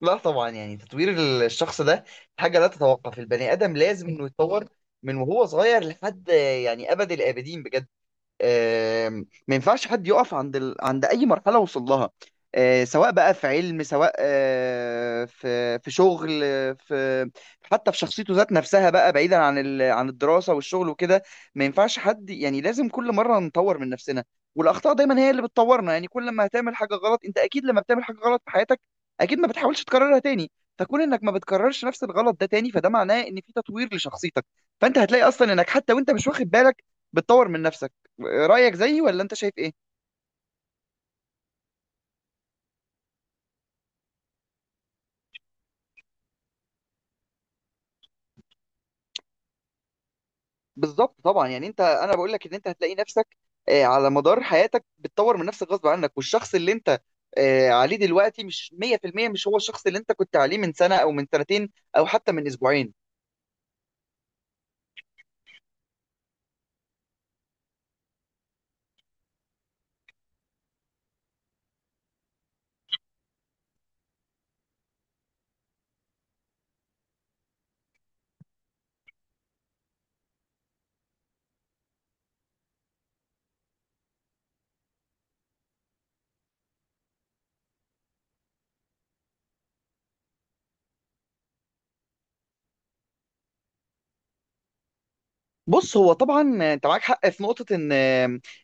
لا طبعا، يعني تطوير الشخص ده حاجة لا تتوقف. البني آدم لازم إنه يتطور من وهو صغير لحد يعني أبد الآبدين بجد. ما ينفعش حد يقف عند عند اي مرحله وصل لها. سواء بقى في علم، سواء في شغل، في حتى في شخصيته ذات نفسها، بقى بعيدا عن عن الدراسه والشغل وكده. ما ينفعش حد، يعني لازم كل مره نطور من نفسنا. والاخطاء دايما هي اللي بتطورنا. يعني كل ما هتعمل حاجه غلط، انت اكيد لما بتعمل حاجه غلط في حياتك اكيد ما بتحاولش تكررها تاني. فكون انك ما بتكررش نفس الغلط ده تاني، فده معناه ان في تطوير لشخصيتك. فانت هتلاقي اصلا انك حتى وانت مش واخد بالك بتطور من نفسك. رأيك زيي ولا انت شايف ايه؟ بالظبط، طبعا، يعني انت، انا بقول لك ان انت هتلاقي نفسك على مدار حياتك بتطور من نفسك غصب عنك. والشخص اللي انت عليه دلوقتي مش 100% مش هو الشخص اللي انت كنت عليه من سنة او من سنتين او حتى من اسبوعين. بص، هو طبعا انت معاك حق في نقطة، ان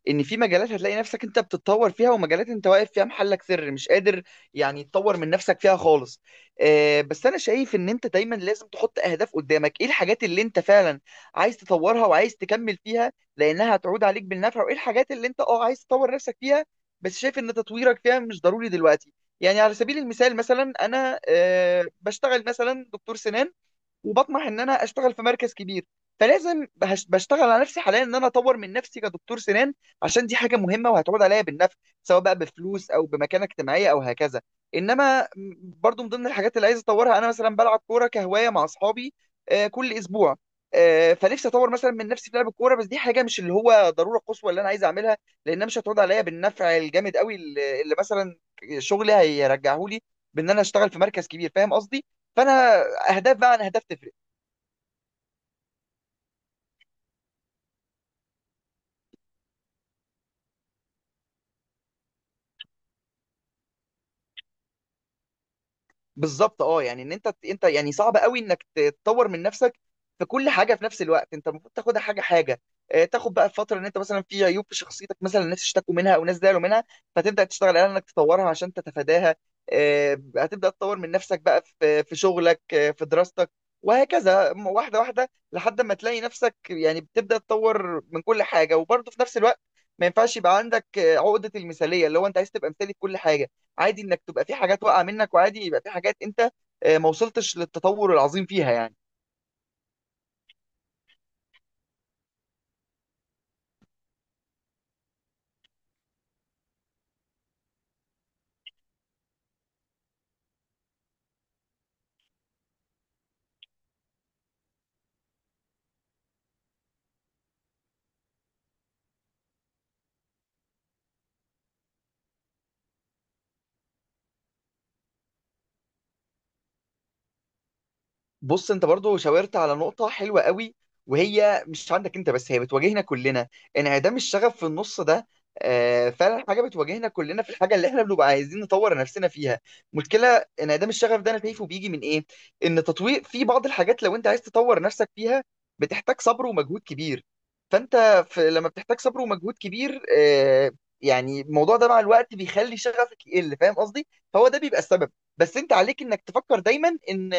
ان في مجالات هتلاقي نفسك انت بتتطور فيها، ومجالات انت واقف فيها محلك سر مش قادر يعني تطور من نفسك فيها خالص. بس انا شايف ان انت دايما لازم تحط اهداف قدامك، ايه الحاجات اللي انت فعلا عايز تطورها وعايز تكمل فيها لانها هتعود عليك بالنفع، وايه الحاجات اللي انت اه عايز تطور نفسك فيها بس شايف ان تطويرك فيها مش ضروري دلوقتي. يعني على سبيل المثال، مثلا انا بشتغل مثلا دكتور سنان وبطمح ان انا اشتغل في مركز كبير. فلازم بشتغل على نفسي حاليا ان انا اطور من نفسي كدكتور سنان، عشان دي حاجه مهمه وهتعود عليا بالنفع، سواء بقى بفلوس او بمكانه اجتماعيه او هكذا. انما برضو من ضمن الحاجات اللي عايز اطورها، انا مثلا بلعب كوره كهوايه مع اصحابي كل اسبوع. فنفسي اطور مثلا من نفسي في لعب الكوره، بس دي حاجه مش اللي هو ضروره قصوى اللي انا عايز اعملها، لانها مش هتعود عليا بالنفع الجامد قوي اللي مثلا شغلي هيرجعه لي بان انا اشتغل في مركز كبير، فاهم قصدي؟ فانا، اهداف بقى عن اهداف تفرق. بالظبط، اه يعني ان انت يعني صعب قوي انك تطور من نفسك في كل حاجه في نفس الوقت. انت المفروض تاخدها حاجه حاجه. تاخد بقى الفتره ان انت مثلا في عيوب في شخصيتك، مثلا الناس اشتكوا منها او ناس زعلوا منها، فتبدا تشتغل على انك تطورها عشان تتفاداها. هتبدا تطور من نفسك بقى في شغلك، في دراستك، وهكذا واحده واحده، لحد ما تلاقي نفسك يعني بتبدا تطور من كل حاجه وبرضه في نفس الوقت. ما ينفعش يبقى عندك عقده المثاليه اللي هو انت عايز تبقى مثالي في كل حاجه. عادي انك تبقى في حاجات واقعه منك، وعادي يبقى في حاجات انت ما وصلتش للتطور العظيم فيها يعني. بص، انت برضو شاورت على نقطة حلوة قوي، وهي مش عندك انت بس، هي بتواجهنا كلنا. انعدام الشغف في النص ده فعلا حاجة بتواجهنا كلنا في الحاجة اللي احنا بنبقى عايزين نطور نفسنا فيها. مشكلة انعدام الشغف ده، انا شايفه بيجي من ايه؟ ان تطوير في بعض الحاجات لو انت عايز تطور نفسك فيها بتحتاج صبر ومجهود كبير. فانت في لما بتحتاج صبر ومجهود كبير يعني الموضوع ده مع الوقت بيخلي شغفك يقل، فاهم قصدي؟ فهو ده بيبقى السبب. بس انت عليك انك تفكر دايما ان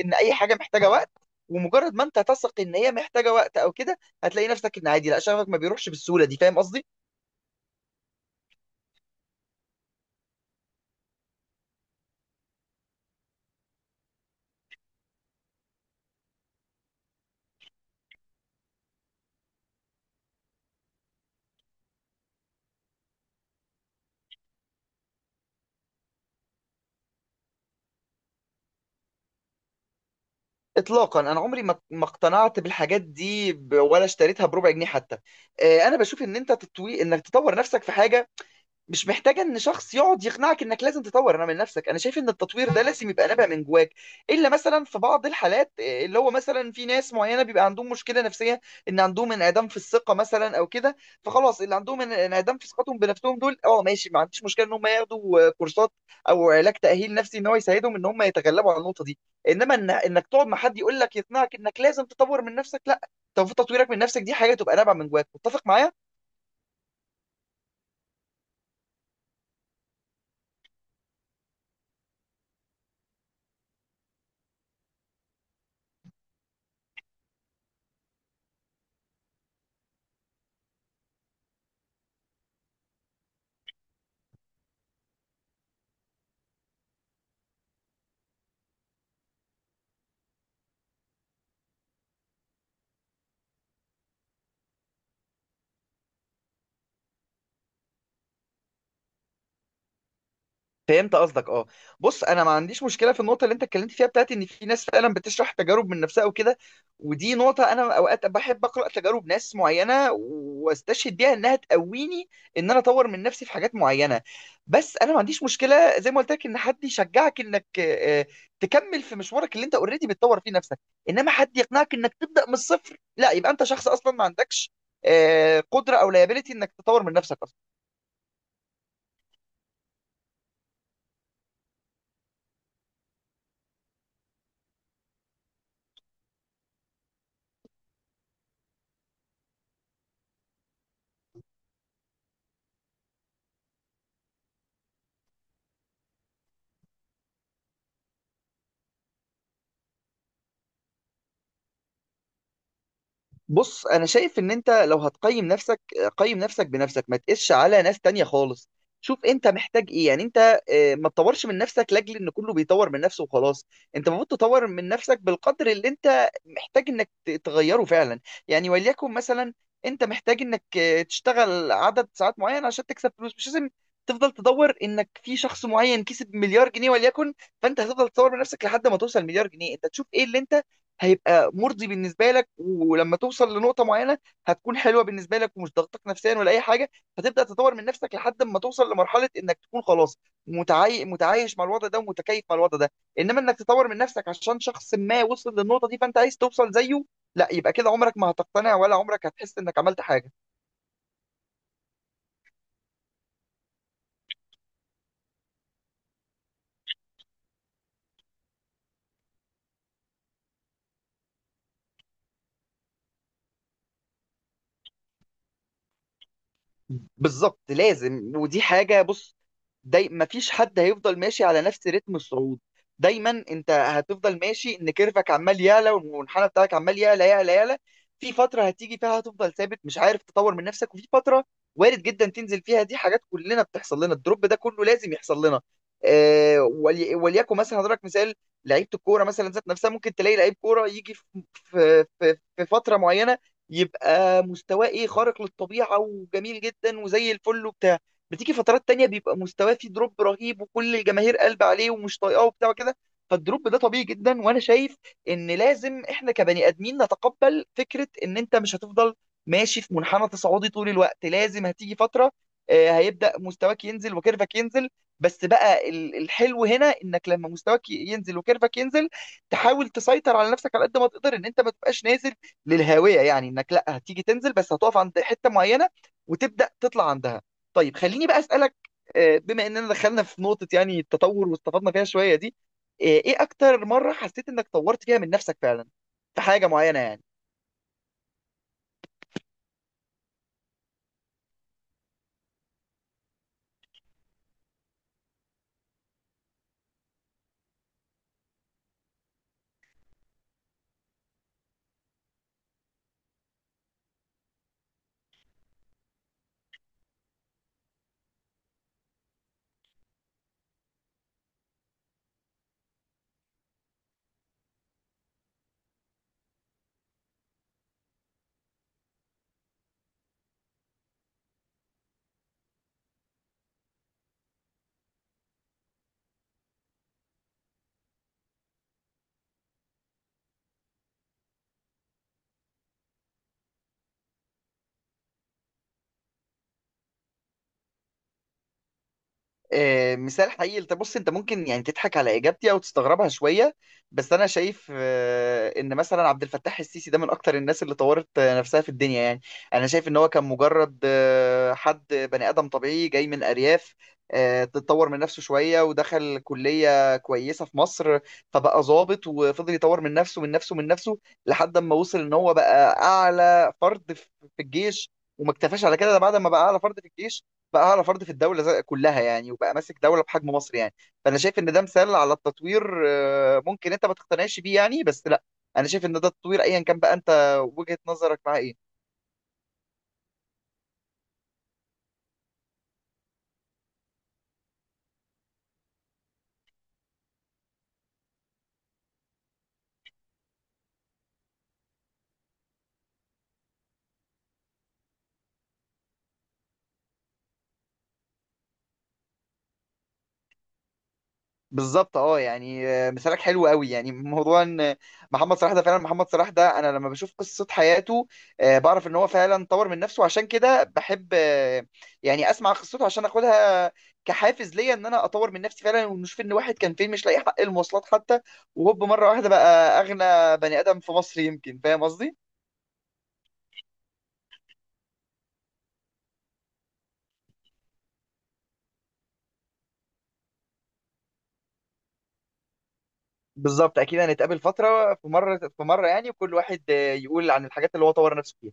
ان اي حاجه محتاجه وقت، ومجرد ما انت تثق ان هي محتاجه وقت او كده هتلاقي نفسك ان عادي، لا شغفك ما بيروحش بالسهوله دي، فاهم قصدي؟ اطلاقا، انا عمري ما اقتنعت بالحاجات دي ولا اشتريتها بربع جنيه حتى. انا بشوف ان انت تطوي انك تطور نفسك في حاجه مش محتاجه ان شخص يقعد يقنعك انك لازم تطور انا من نفسك. انا شايف ان التطوير ده لازم يبقى نابع من جواك. الا مثلا في بعض الحالات اللي هو مثلا في ناس معينه بيبقى عندهم مشكله نفسيه ان عندهم انعدام في الثقه مثلا او كده. فخلاص اللي عندهم انعدام في ثقتهم بنفسهم دول، اه ماشي، ما عنديش مشكله ان هم ياخدوا كورسات او علاج تاهيل نفسي ان هو يساعدهم ان هم يتغلبوا على النقطه دي. انما إن انك تقعد مع حد يقول لك يقنعك انك لازم تطور من نفسك، لا. طب تطويرك من نفسك دي حاجه تبقى نابعه من جواك، متفق معايا؟ فهمت قصدك، اه. بص، انا ما عنديش مشكله في النقطه اللي انت اتكلمت فيها، بتاعت ان في ناس فعلا بتشرح تجارب من نفسها وكده. ودي نقطه انا اوقات بحب اقرا تجارب ناس معينه واستشهد بيها انها تقويني ان انا اطور من نفسي في حاجات معينه. بس انا ما عنديش مشكله زي ما قلت لك ان حد يشجعك انك تكمل في مشوارك اللي انت اوريدي بتطور فيه نفسك. انما حد يقنعك انك تبدا من الصفر لا، يبقى انت شخص اصلا ما عندكش قدره او لايبيليتي انك تطور من نفسك اصلا. بص، انا شايف ان انت لو هتقيم نفسك، قيم نفسك بنفسك، ما تقيسش على ناس تانية خالص. شوف انت محتاج ايه، يعني انت ما تطورش من نفسك لاجل ان كله بيطور من نفسه وخلاص. انت المفروض تطور من نفسك بالقدر اللي انت محتاج انك تغيره فعلا. يعني وليكن مثلا انت محتاج انك تشتغل عدد ساعات معين عشان تكسب فلوس، مش لازم تفضل تدور انك في شخص معين كسب مليار جنيه وليكن. فانت هتفضل تطور من نفسك لحد ما توصل مليار جنيه؟ انت تشوف ايه اللي انت هيبقى مرضي بالنسبه لك، ولما توصل لنقطه معينه هتكون حلوه بالنسبه لك ومش ضغطك نفسيا ولا اي حاجه، فتبدا تطور من نفسك لحد ما توصل لمرحله انك تكون خلاص متعايش مع الوضع ده ومتكيف مع الوضع ده. انما انك تطور من نفسك عشان شخص ما وصل للنقطه دي فانت عايز توصل زيه، لا. يبقى كده عمرك ما هتقتنع ولا عمرك هتحس انك عملت حاجه. بالظبط، لازم. ودي حاجه، بص، داي مفيش حد هيفضل ماشي على نفس رتم الصعود. دايما انت هتفضل ماشي ان كيرفك عمال يعلى، والمنحنى بتاعك عمال يعلى يعلى يعلى. في فترة هتيجي فيها هتفضل ثابت مش عارف تطور من نفسك، وفي فترة وارد جدا تنزل فيها. دي حاجات كلنا بتحصل لنا، الدروب ده كله لازم يحصل لنا. آه وليكن مثلا هضرب مثال لعيبة الكورة مثلا ذات نفسها. ممكن تلاقي لعيب كورة يجي في في فترة معينة يبقى مستواه ايه، خارق للطبيعة وجميل جدا وزي الفل وبتاع. بتيجي فترات تانية بيبقى مستواه فيه دروب رهيب وكل الجماهير قلب عليه ومش طايقاه وبتاع كده. فالدروب ده طبيعي جدا. وانا شايف ان لازم احنا كبني ادمين نتقبل فكرة ان انت مش هتفضل ماشي في منحنى تصاعدي طول الوقت، لازم هتيجي فترة هيبدأ مستواك ينزل وكيرفك ينزل. بس بقى الحلو هنا انك لما مستواك ينزل وكيرفك ينزل تحاول تسيطر على نفسك على قد ما تقدر ان انت ما تبقاش نازل للهاوية. يعني انك لا هتيجي تنزل، بس هتقف عند حتة معينة وتبدأ تطلع عندها. طيب، خليني بقى اسالك، بما اننا دخلنا في نقطه يعني التطور واستفدنا فيها شويه دي، ايه اكتر مره حسيت انك طورت فيها من نفسك فعلا في حاجه معينه يعني؟ مثال حقيقي؟ انت بص، انت ممكن يعني تضحك على اجابتي او تستغربها شويه، بس انا شايف ان مثلا عبد الفتاح السيسي ده من اكتر الناس اللي طورت نفسها في الدنيا يعني. انا شايف ان هو كان مجرد حد بني ادم طبيعي جاي من ارياف. تطور من نفسه شويه ودخل كليه كويسه في مصر، فبقى ضابط وفضل يطور من نفسه من نفسه من نفسه لحد ما وصل ان هو بقى اعلى فرد في الجيش. وما اكتفاش على كده، ده بعد ما بقى اعلى فرد في الجيش بقى اعلى فرد في الدوله كلها يعني، وبقى ماسك دوله بحجم مصر يعني. فانا شايف ان ده مثال على التطوير. ممكن انت ما تقتنعش بيه يعني، بس لا، انا شايف ان ده التطوير ايا كان بقى انت وجهه نظرك معاه ايه. بالظبط، اه يعني مثالك حلو قوي. يعني موضوع ان محمد صلاح ده، فعلا محمد صلاح ده انا لما بشوف قصة حياته بعرف ان هو فعلا طور من نفسه. عشان كده بحب يعني اسمع قصته عشان اخدها كحافز ليا ان انا اطور من نفسي فعلا، ونشوف ان واحد كان فين مش لاقي حق المواصلات حتى، وهوب مرة واحدة بقى اغنى بني ادم في مصر يمكن، فاهم قصدي؟ بالظبط، اكيد هنتقابل فترة في مرة في مرة يعني، وكل واحد يقول عن الحاجات اللي هو طور نفسه فيها.